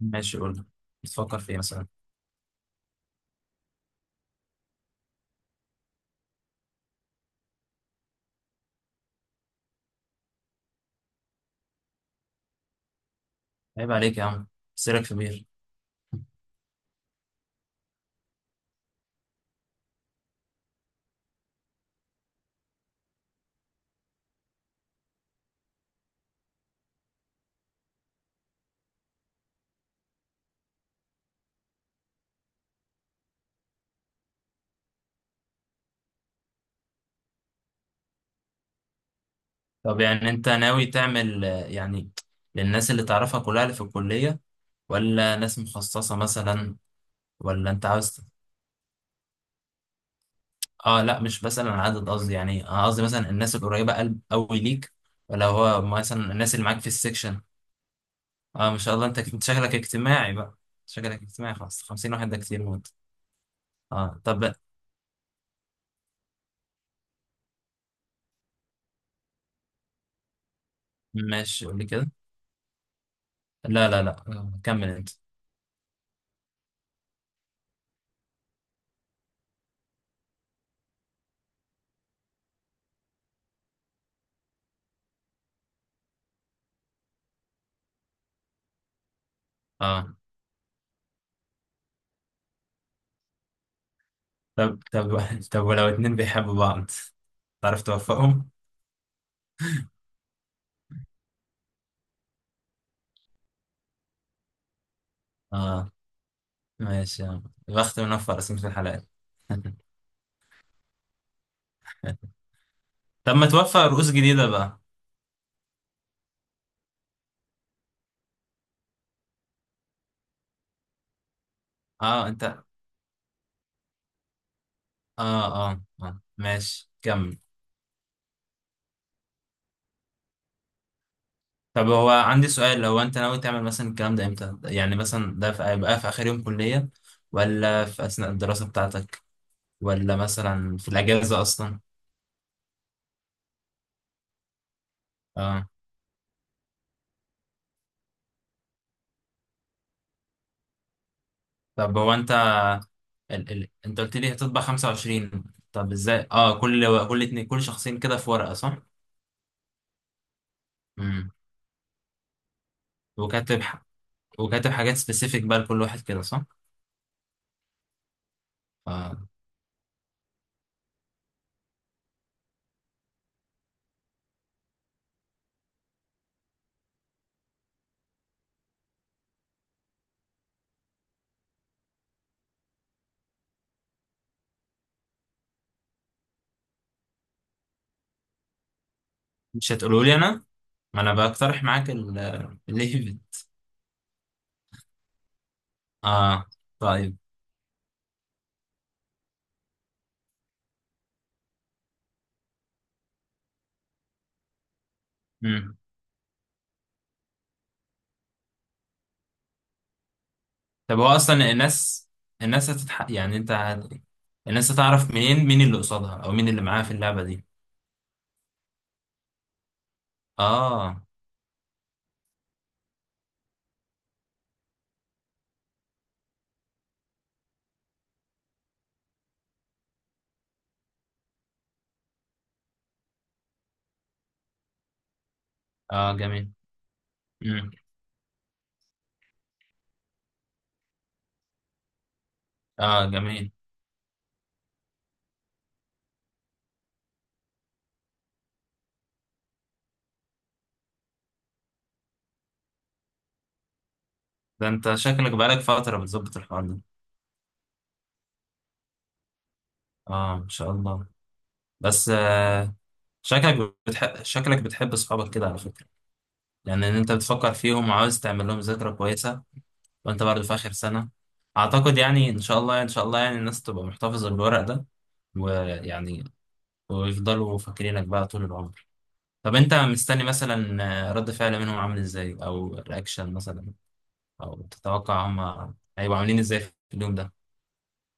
ماشي، قول لي. بتفكر في ايه مثلا؟ عيب عليك يا عم. سيرك في بير. طب يعني انت ناوي تعمل يعني للناس اللي تعرفها كلها اللي في الكلية، ولا ناس مخصصة مثلا؟ ولا انت عاوز اه، لا، مش بسأل عن عدد، قصدي يعني قصدي مثلا الناس القريبة قلب قوي ليك، ولا هو مثلا الناس اللي معاك في السكشن. اه، ما شاء الله، انت كنت شكلك اجتماعي بقى. شكلك اجتماعي، خلاص 50 واحد ده كتير موت. اه طب. ماشي، قول لي كده. لا، لا، لا، كمل انت. اه طب. طب طب ولو اتنين بيحبوا بعض، تعرف توفقهم؟ اه. ماشي يا عم. بخت منفع رسمة في الحلقات. طب ما توفق رؤوس جديدة بقى. اه انت. اه، اه، ماشي، كمل. طب هو عندي سؤال، لو انت ناوي تعمل مثلا الكلام ده امتى؟ يعني مثلا ده هيبقى في اخر يوم كلية، ولا في اثناء الدراسة بتاعتك، ولا مثلا في الاجازة اصلا؟ اه طب. هو انت انت قلت لي هتطبع 25، طب ازاي؟ اه، كل اتنين، كل شخصين كده في ورقة صح؟ امم. وكاتب ح... وكاتب حاجات سبيسيفيك بقى لكل واحد كده صح؟ آه. مش هتقولوا لي انا؟ ما انا بقترح معاك الايفنت. اه. طيب. مم. طب هو اصلا الناس، يعني انت الناس هتعرف منين مين اللي قصادها او مين اللي معاها في اللعبة دي؟ اه. اه، جميل. مم. اه، جميل. ده انت شكلك بقالك فترة بتظبط الحوار ده. اه، ان شاء الله. بس شكلك بتحب اصحابك كده على فكرة. يعني ان انت بتفكر فيهم وعاوز تعمل لهم ذكرى كويسة، وانت برضه في اخر سنة. اعتقد يعني ان شاء الله ان شاء الله يعني الناس تبقى محتفظة بالورق ده، ويعني ويفضلوا فاكرينك بقى طول العمر. طب انت مستني مثلا رد فعل منهم عامل ازاي، او رياكشن مثلا، او تتوقع هم هيبقوا عاملين ازاي في اليوم ده؟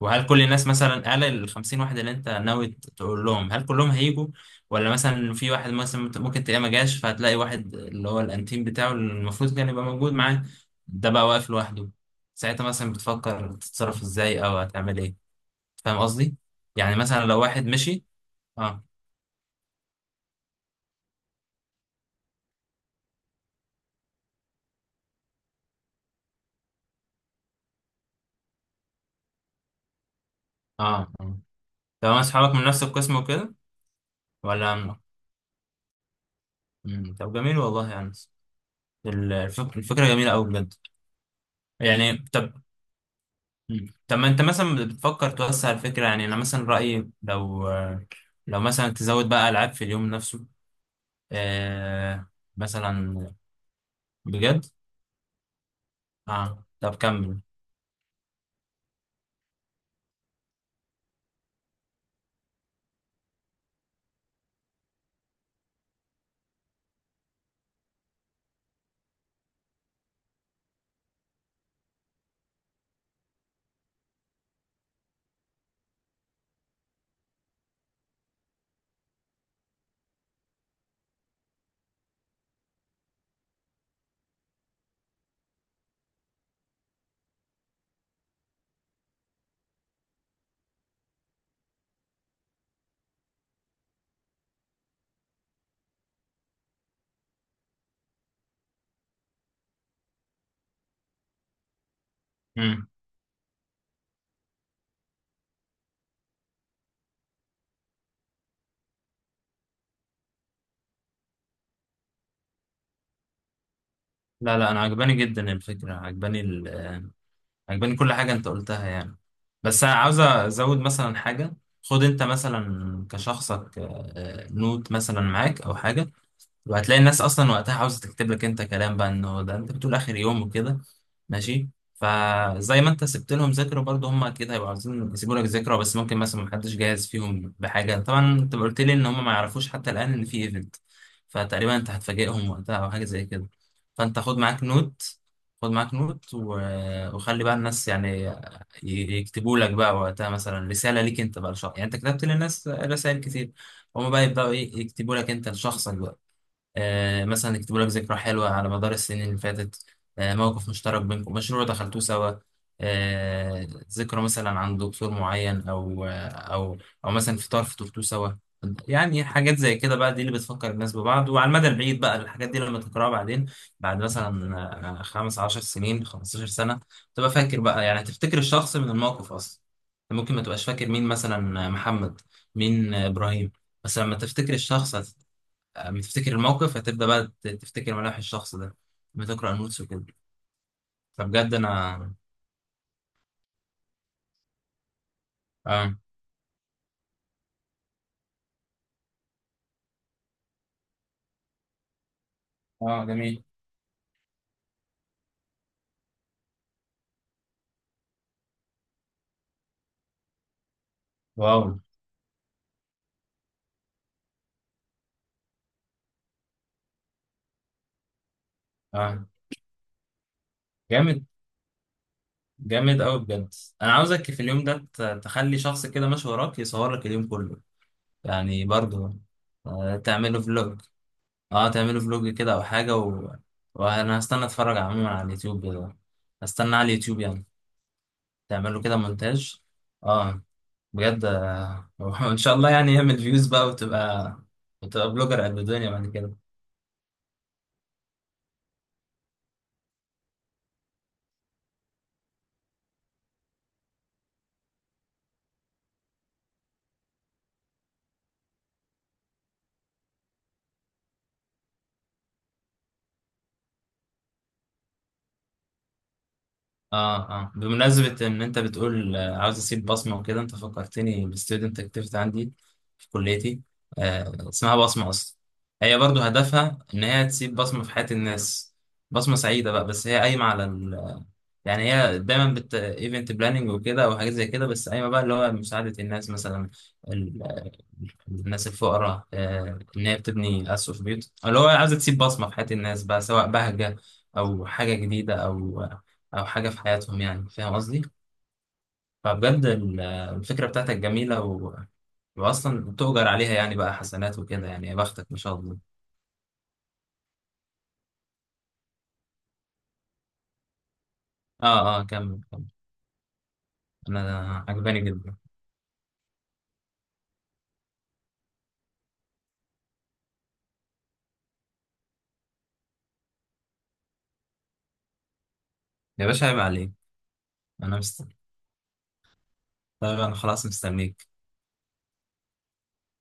وهل كل الناس مثلا، قال ال 50 واحد اللي انت ناوي تقول لهم، هل كلهم هيجوا، ولا مثلا في واحد مثلا ممكن تلاقيه ما جاش، فهتلاقي واحد اللي هو الانتيم بتاعه اللي المفروض كان يبقى موجود معاه ده بقى واقف لوحده؟ ساعتها مثلا بتفكر تتصرف ازاي، او هتعمل ايه؟ فاهم قصدي؟ يعني مثلا لو واحد مشي. اه، اه، اه، لو اصحابك من نفس القسم وكده ولا؟ مم. طب جميل والله يعني. الفكرة جميلة أوي بجد. يعني طب. مم. طب ما أنت مثلا بتفكر توسع الفكرة. يعني أنا مثلا رأيي، لو مثلا تزود بقى ألعاب في اليوم نفسه آه مثلا. بجد. أه، طب كمل. مم. لا، لا، أنا عجباني جدا الفكرة، عجباني عجباني كل حاجة أنت قلتها يعني. بس أنا عاوز أزود مثلا حاجة. خد أنت مثلا كشخصك نوت مثلا معاك أو حاجة، وهتلاقي الناس اصلا وقتها عاوزه تكتب لك انت كلام بقى، انه ده انت بتقول اخر يوم وكده. ماشي؟ فزي ما انت سبت لهم ذكرى، برضه هم اكيد هيبقوا عاوزين يسيبوا لك ذكرى، بس ممكن مثلا محدش جاهز فيهم بحاجه، طبعا انت قلت لي ان هم ما يعرفوش حتى الان ان في ايفنت، فتقريبا انت هتفاجئهم وقتها او حاجه زي كده. فانت خد معاك نوت، خد معاك نوت و... وخلي بقى الناس يعني يكتبوا لك بقى وقتها مثلا رساله ليك انت بقى لشخص. يعني انت كتبت للناس رسائل كتير، هما بقى يبداوا ايه، يكتبوا لك انت لشخصك بقى. مثلا يكتبوا لك ذكرى حلوة على مدار السنين اللي فاتت، موقف مشترك بينكم، مشروع دخلتوه سوا، ذكرى مثلا عن دكتور معين، أو أو أو مثلا فطار فطرتوه سوا. يعني حاجات زي كده بقى، دي اللي بتفكر الناس ببعض، وعلى المدى البعيد بقى الحاجات دي لما تقراها بعدين، بعد مثلا 15 سنين، 15 سنة، تبقى فاكر بقى. يعني تفتكر الشخص من الموقف أصلا. ممكن ما تبقاش فاكر مين مثلا محمد، مين إبراهيم، بس لما تفتكر الشخص، اما تفتكر الموقف، هتبدأ بقى تفتكر ملامح الشخص ده، بتقرأ نوتس وكده. فبجد انا. اه، اه، جميل. واو. اه، جامد. جامد قوي بجد. انا عاوزك في اليوم ده تخلي شخص كده ماشي وراك يصور لك اليوم كله يعني. برضه آه، تعمله فلوج. اه، تعمله فلوج كده او حاجة، و... وانا هستنى اتفرج عموما على اليوتيوب كده. هستنى على اليوتيوب يعني. تعمله كده مونتاج. اه. بجد وان شاء الله يعني يعمل فيوز بقى، وتبقى وتبقى بلوجر قد الدنيا بعد كده. اه، اه، بمناسبة ان انت بتقول عاوز اسيب بصمة وكده، انت فكرتني بستودنت اكتيفيتي عندي في كليتي، اسمها بصمة اصلا. هي برضو هدفها ان هي تسيب بصمة في حياة الناس، بصمة سعيدة بقى. بس هي قايمة على، يعني هي دايما بت ايفنت بلاننج وكده او حاجات زي كده، بس قايمه بقى اللي هو مساعده الناس مثلا ال... الناس الفقراء، ان هي بتبني اسقف بيوت، أو اللي هو عايزه تسيب بصمه في حياه الناس بقى، سواء بهجه، او حاجه جديده، او او حاجه في حياتهم. يعني فاهم قصدي؟ فبجد الفكره بتاعتك جميله، و... واصلا تؤجر عليها يعني بقى، حسنات وكده يعني. يا بختك ما شاء الله. اه، اه، كمل كمل. انا عجباني جدا. يا باشا عيب عليك. انا طيب انا خلاص مستنيك.